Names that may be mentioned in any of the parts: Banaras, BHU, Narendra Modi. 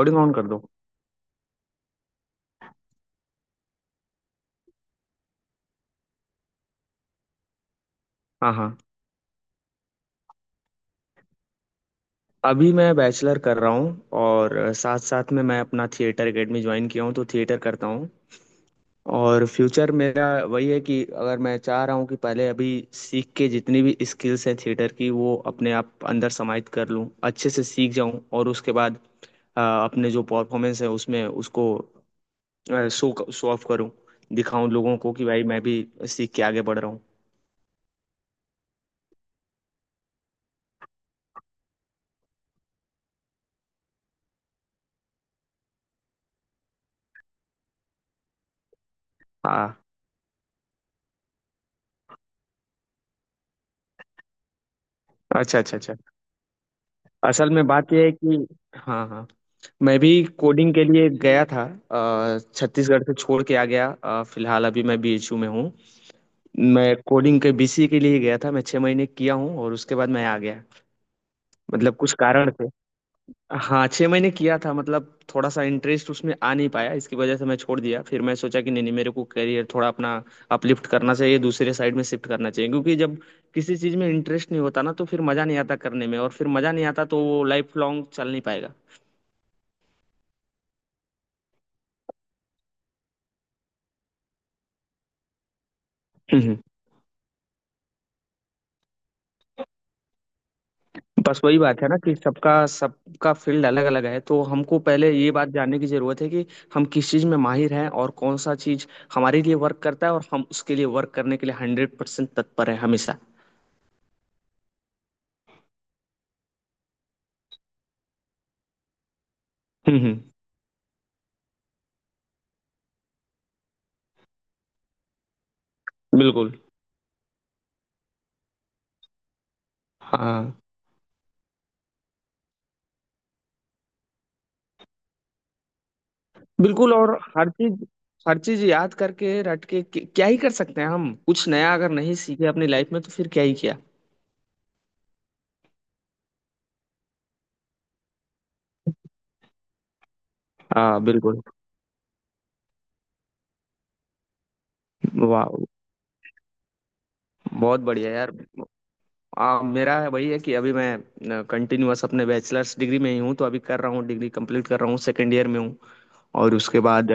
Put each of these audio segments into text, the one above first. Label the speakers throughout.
Speaker 1: Recording on कर दो। हाँ हाँ। अभी मैं बैचलर कर रहा हूँ, और साथ साथ में मैं अपना थिएटर एकेडमी ज्वाइन किया हूँ, तो थिएटर करता हूँ। और फ्यूचर मेरा वही है कि अगर मैं चाह रहा हूँ कि पहले अभी सीख के जितनी भी स्किल्स हैं थिएटर की, वो अपने आप अंदर समाहित कर लूँ, अच्छे से सीख जाऊँ, और उसके बाद अपने जो परफॉर्मेंस है उसमें उसको शो शो ऑफ करूँ, दिखाऊं लोगों को कि भाई मैं भी सीख के आगे बढ़ रहा हूँ। हाँ। अच्छा अच्छा अच्छा। असल में बात यह है कि हाँ हाँ मैं भी कोडिंग के लिए गया था। छत्तीसगढ़ से छोड़ के आ गया। फिलहाल अभी मैं बीएचयू में हूँ। मैं कोडिंग के बीसी के लिए गया था, मैं छः महीने किया हूँ और उसके बाद मैं आ गया, मतलब कुछ कारण थे। हाँ, छः महीने किया था, मतलब थोड़ा सा इंटरेस्ट उसमें आ नहीं पाया, इसकी वजह से मैं छोड़ दिया। फिर मैं सोचा कि नहीं नहीं, मेरे को करियर थोड़ा अपना अपलिफ्ट करना चाहिए, दूसरे साइड में शिफ्ट करना चाहिए, क्योंकि जब किसी चीज़ में इंटरेस्ट नहीं होता ना, तो फिर मज़ा नहीं आता करने में, और फिर मज़ा नहीं आता तो वो लाइफ लॉन्ग चल नहीं पाएगा। हम्म, हम्म। बस वही बात है ना कि सबका सबका फील्ड अलग अलग है, तो हमको पहले ये बात जानने की जरूरत है कि हम किस चीज में माहिर हैं और कौन सा चीज हमारे लिए वर्क करता है, और हम उसके लिए वर्क करने के लिए हंड्रेड परसेंट तत्पर है हमेशा। हम्म हम्म, बिल्कुल। हाँ, बिल्कुल। और हर चीज, हर चीज याद करके रट के क्या ही कर सकते हैं, हम कुछ नया अगर नहीं सीखे अपनी लाइफ में तो फिर क्या ही किया। हाँ, बिल्कुल। वाह, बहुत बढ़िया यार। मेरा है वही है कि अभी मैं कंटिन्यूअस अपने बैचलर्स डिग्री में ही हूँ, तो अभी कर रहा हूँ, डिग्री कंप्लीट कर रहा हूँ, सेकेंड ईयर में हूँ। और उसके बाद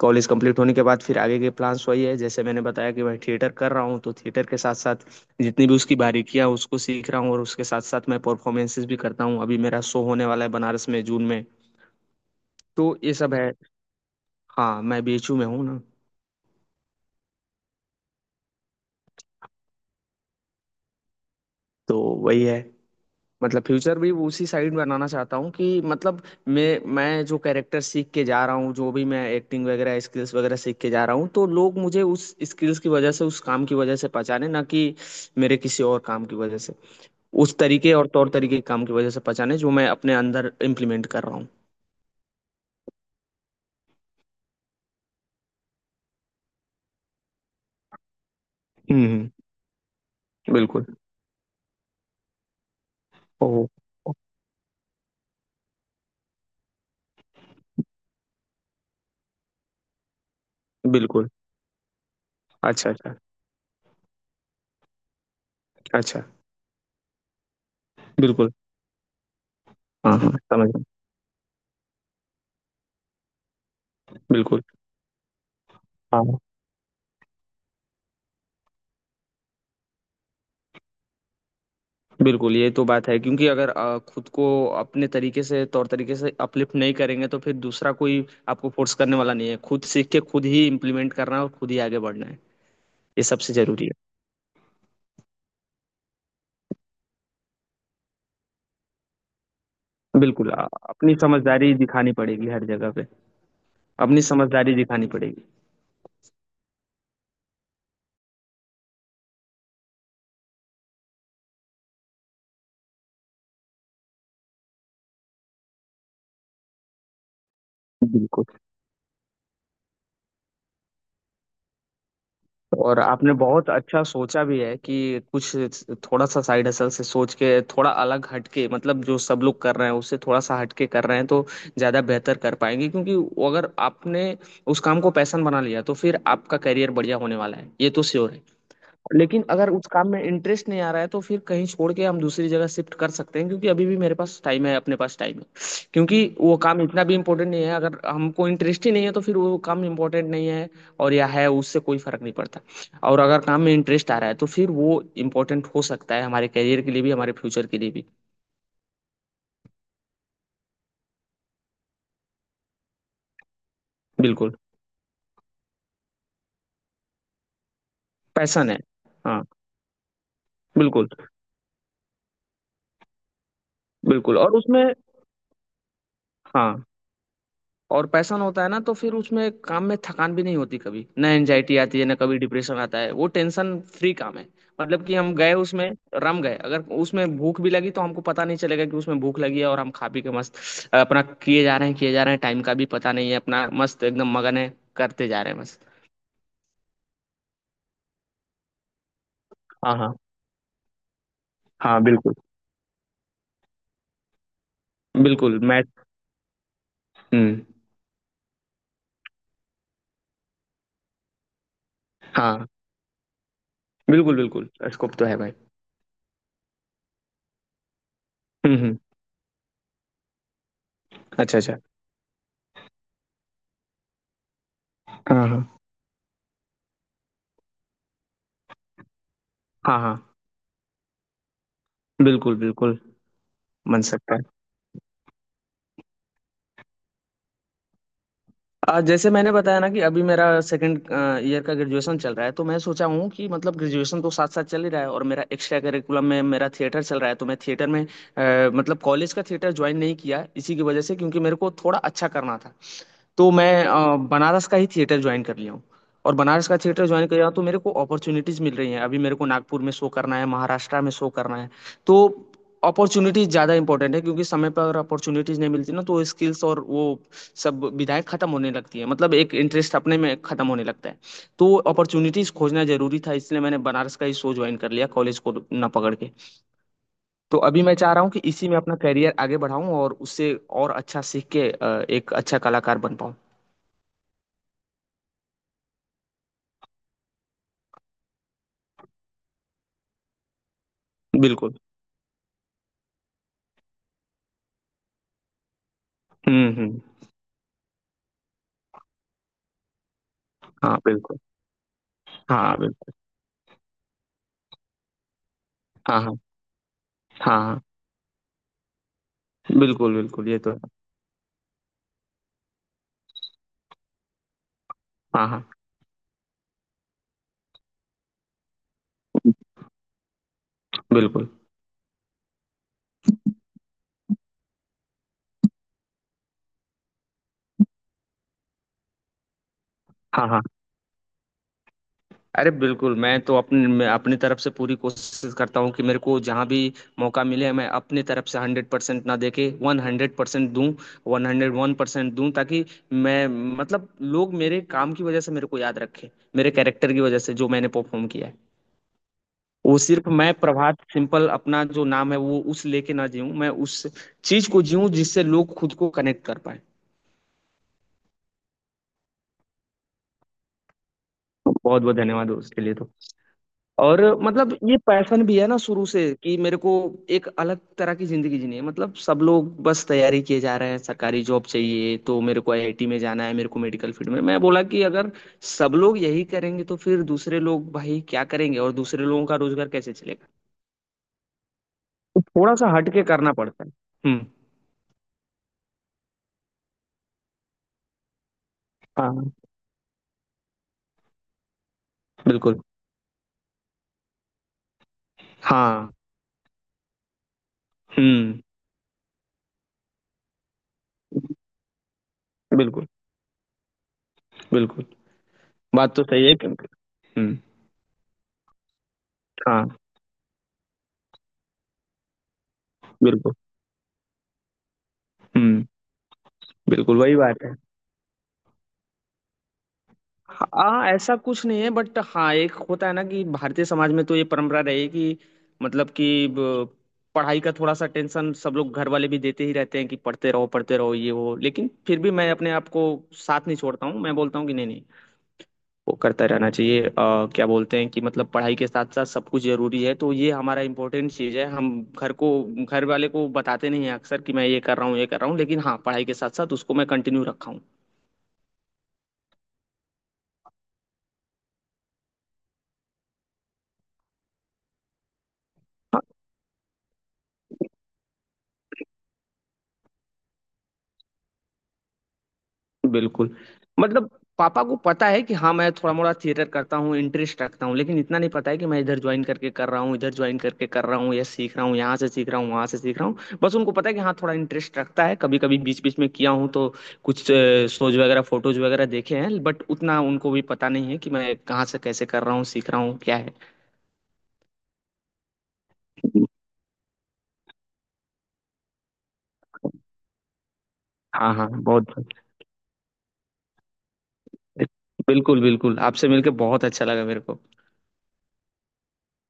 Speaker 1: कॉलेज कंप्लीट होने के बाद फिर आगे के प्लान्स वही है, जैसे मैंने बताया कि मैं थिएटर कर रहा हूँ, तो थिएटर के साथ साथ जितनी भी उसकी बारीकियाँ हैं, उसको सीख रहा हूँ, और उसके साथ साथ मैं परफॉर्मेंसेस भी करता हूँ। अभी मेरा शो होने वाला है बनारस में जून में, तो ये सब है। हाँ, मैं बीएचयू में हूँ ना। तो वही है, मतलब फ्यूचर भी उसी साइड बनाना चाहता हूँ कि मतलब मैं जो कैरेक्टर सीख के जा रहा हूँ, जो भी मैं एक्टिंग वगैरह स्किल्स वगैरह सीख के जा रहा हूँ, तो लोग मुझे उस स्किल्स की वजह से, उस काम की वजह से पहचाने, ना कि मेरे किसी और काम की वजह से। उस तरीके और तौर तरीके के काम की वजह से पहचाने जो मैं अपने अंदर इम्प्लीमेंट कर रहा हूँ। हम्म हम्म, बिल्कुल। ओह। बिल्कुल। अच्छा अच्छा अच्छा। बिल्कुल। हाँ हाँ, समझ गया। बिल्कुल। हाँ, हाँ। बिल्कुल, ये तो बात है क्योंकि अगर खुद को अपने तरीके से, तौर तरीके से अपलिफ्ट नहीं करेंगे तो फिर दूसरा कोई आपको फोर्स करने वाला नहीं है। खुद सीख के खुद ही इम्प्लीमेंट करना है और खुद ही आगे बढ़ना है, ये सबसे जरूरी है। बिल्कुल। अपनी समझदारी दिखानी पड़ेगी हर जगह पे। अपनी समझदारी दिखानी पड़ेगी। बिल्कुल। और आपने बहुत अच्छा सोचा भी है कि कुछ थोड़ा सा साइड हसल से सोच के, थोड़ा अलग हटके, मतलब जो सब लोग कर रहे हैं उससे थोड़ा सा हटके कर रहे हैं, तो ज़्यादा बेहतर कर पाएंगे। क्योंकि वो अगर आपने उस काम को पैशन बना लिया तो फिर आपका करियर बढ़िया होने वाला है, ये तो श्योर है। लेकिन अगर उस काम में इंटरेस्ट नहीं आ रहा है तो फिर कहीं छोड़ के हम दूसरी जगह शिफ्ट कर सकते हैं, क्योंकि अभी भी मेरे पास टाइम है, अपने पास टाइम है। क्योंकि वो काम इतना भी इम्पोर्टेंट नहीं है, अगर हमको इंटरेस्ट ही नहीं है तो फिर वो काम इम्पोर्टेंट नहीं है और या है उससे कोई फर्क नहीं पड़ता। और अगर काम में इंटरेस्ट आ रहा है तो फिर वो इम्पोर्टेंट हो सकता है हमारे करियर के लिए भी, हमारे फ्यूचर के लिए भी। बिल्कुल। पैसन है। हाँ, बिल्कुल। बिल्कुल और उसमें, हाँ, और पैशन होता है ना तो फिर उसमें काम में थकान भी नहीं होती, कभी ना एंजाइटी आती है ना कभी डिप्रेशन आता है, वो टेंशन फ्री काम है। मतलब कि हम गए उसमें, रम गए, अगर उसमें भूख भी लगी तो हमको पता नहीं चलेगा कि उसमें भूख लगी है, और हम खा पी के मस्त अपना किए जा रहे हैं, किए जा रहे हैं, टाइम का भी पता नहीं है, अपना मस्त एकदम मगन है, करते जा रहे हैं मस्त। हाँ हाँ। हाँ, बिल्कुल। बिल्कुल। मैं। हम्म। हाँ। बिल्कुल बिल्कुल, स्कोप तो है भाई। हम्म। अच्छा अच्छा। हाँ हाँ। हाँ हाँ। बिल्कुल बिल्कुल। बन सकता है। आज जैसे मैंने बताया ना कि अभी मेरा सेकंड ईयर का ग्रेजुएशन चल रहा है, तो मैं सोचा हूँ कि मतलब ग्रेजुएशन तो साथ साथ चल ही रहा है, और मेरा एक्स्ट्रा करिकुलम में मेरा थिएटर चल रहा है, तो मैं थिएटर में मतलब कॉलेज का थिएटर ज्वाइन नहीं किया इसी की वजह से, क्योंकि मेरे को थोड़ा अच्छा करना था। तो मैं बनारस का ही थिएटर ज्वाइन कर लिया हूँ, और बनारस का थिएटर ज्वाइन कर लिया हूँ, तो मेरे को अपॉर्चुनिटीज मिल रही हैं। अभी मेरे को नागपुर में शो करना है, महाराष्ट्र में शो करना है। तो अपॉर्चुनिटीज ज़्यादा इंपॉर्टेंट है, क्योंकि समय पर अगर अपॉर्चुनिटीज नहीं मिलती ना तो स्किल्स और वो सब विधाएं खत्म होने लगती है, मतलब एक इंटरेस्ट अपने में खत्म होने लगता है। तो अपॉर्चुनिटीज खोजना जरूरी था, इसलिए मैंने बनारस का ही शो ज्वाइन कर लिया कॉलेज को ना पकड़ के। तो अभी मैं चाह रहा हूँ कि इसी में अपना करियर आगे बढ़ाऊँ, और उससे और अच्छा सीख के एक अच्छा कलाकार बन पाऊँ। बिल्कुल। हुँ, हुँ। हाँ, बिल्कुल। हाँ, बिल्कुल। हाँ, हाँ। हाँ, हाँ। बिल्कुल, बिल्कुल, ये तो है। हाँ, हाँ। बिल्कुल। हाँ, हाँ। अरे बिल्कुल, मैं तो अपने मैं अपनी तरफ से पूरी कोशिश करता हूँ कि मेरे को जहाँ भी मौका मिले, मैं अपनी तरफ से 100% ना देके 100% दूँ, 101% दूँ, ताकि मैं, मतलब लोग मेरे काम की वज़ह से मेरे को याद रखें, मेरे कैरेक्टर की वज़ह से जो मैंने परफ़ॉर्म किया है। वो सिर्फ मैं प्रभात सिंपल अपना जो नाम है वो उस लेके ना जीऊं, मैं उस चीज को जीऊं जिससे लोग खुद को कनेक्ट कर पाए। बहुत बहुत धन्यवाद उसके लिए तो। और मतलब ये पैशन भी है ना शुरू से कि मेरे को एक अलग तरह की जिंदगी जीनी है। मतलब सब लोग बस तैयारी किए जा रहे हैं, सरकारी जॉब चाहिए तो मेरे को आईआईटी में जाना है, मेरे को मेडिकल फील्ड में। मैं बोला कि अगर सब लोग यही करेंगे तो फिर दूसरे लोग भाई क्या करेंगे, और दूसरे लोगों का रोजगार कैसे चलेगा। तो थोड़ा सा हट के करना पड़ता है। हम्म। हाँ। बिल्कुल। हाँ। हुँ। बिल्कुल, बिल्कुल। बात तो सही है क्योंकि, हुँ, हाँ, बिल्कुल। हुँ, बिल्कुल वही बात है। हाँ, ऐसा कुछ नहीं है बट हाँ, एक होता है ना कि भारतीय समाज में तो ये परंपरा रही है कि, मतलब कि ब पढ़ाई का थोड़ा-सा टेंशन सब लोग, घर वाले भी देते ही रहते हैं कि पढ़ते रहो, ये वो। लेकिन फिर भी मैं अपने आप को साथ नहीं छोड़ता हूँ, मैं बोलता हूँ कि नहीं, नहीं, वो करता रहना चाहिए। क्या बोलते हैं कि मतलब पढ़ाई के साथ साथ सब कुछ जरूरी है, तो ये हमारा इम्पोर्टेंट चीज़ है। हम घर को, घर वाले को बताते नहीं हैं अक्सर कि मैं ये कर रहा हूँ, ये कर रहा हूँ, लेकिन हाँ पढ़ाई के साथ साथ उसको मैं कंटिन्यू रखा हूँ। बिल्कुल। मतलब पापा को पता है कि हाँ मैं थोड़ा मोड़ा थिएटर करता हूँ, इंटरेस्ट रखता हूँ, लेकिन इतना नहीं पता है कि मैं इधर ज्वाइन करके कर रहा हूँ, इधर ज्वाइन करके कर रहा हूँ, या सीख रहा हूँ, यहाँ से सीख रहा हूँ, वहाँ से सीख रहा हूँ। बस उनको पता है कि हाँ थोड़ा इंटरेस्ट रखता है, कभी कभी बीच बीच में किया हूँ तो कुछ शोज वगैरह फोटोज वगैरह देखे हैं, बट उतना उनको भी पता नहीं है कि मैं कहाँ से कैसे कर रहा हूँ, सीख रहा हूँ, क्या है। हाँ हाँ, बहुत। बिल्कुल बिल्कुल, आपसे मिलके बहुत अच्छा लगा मेरे को।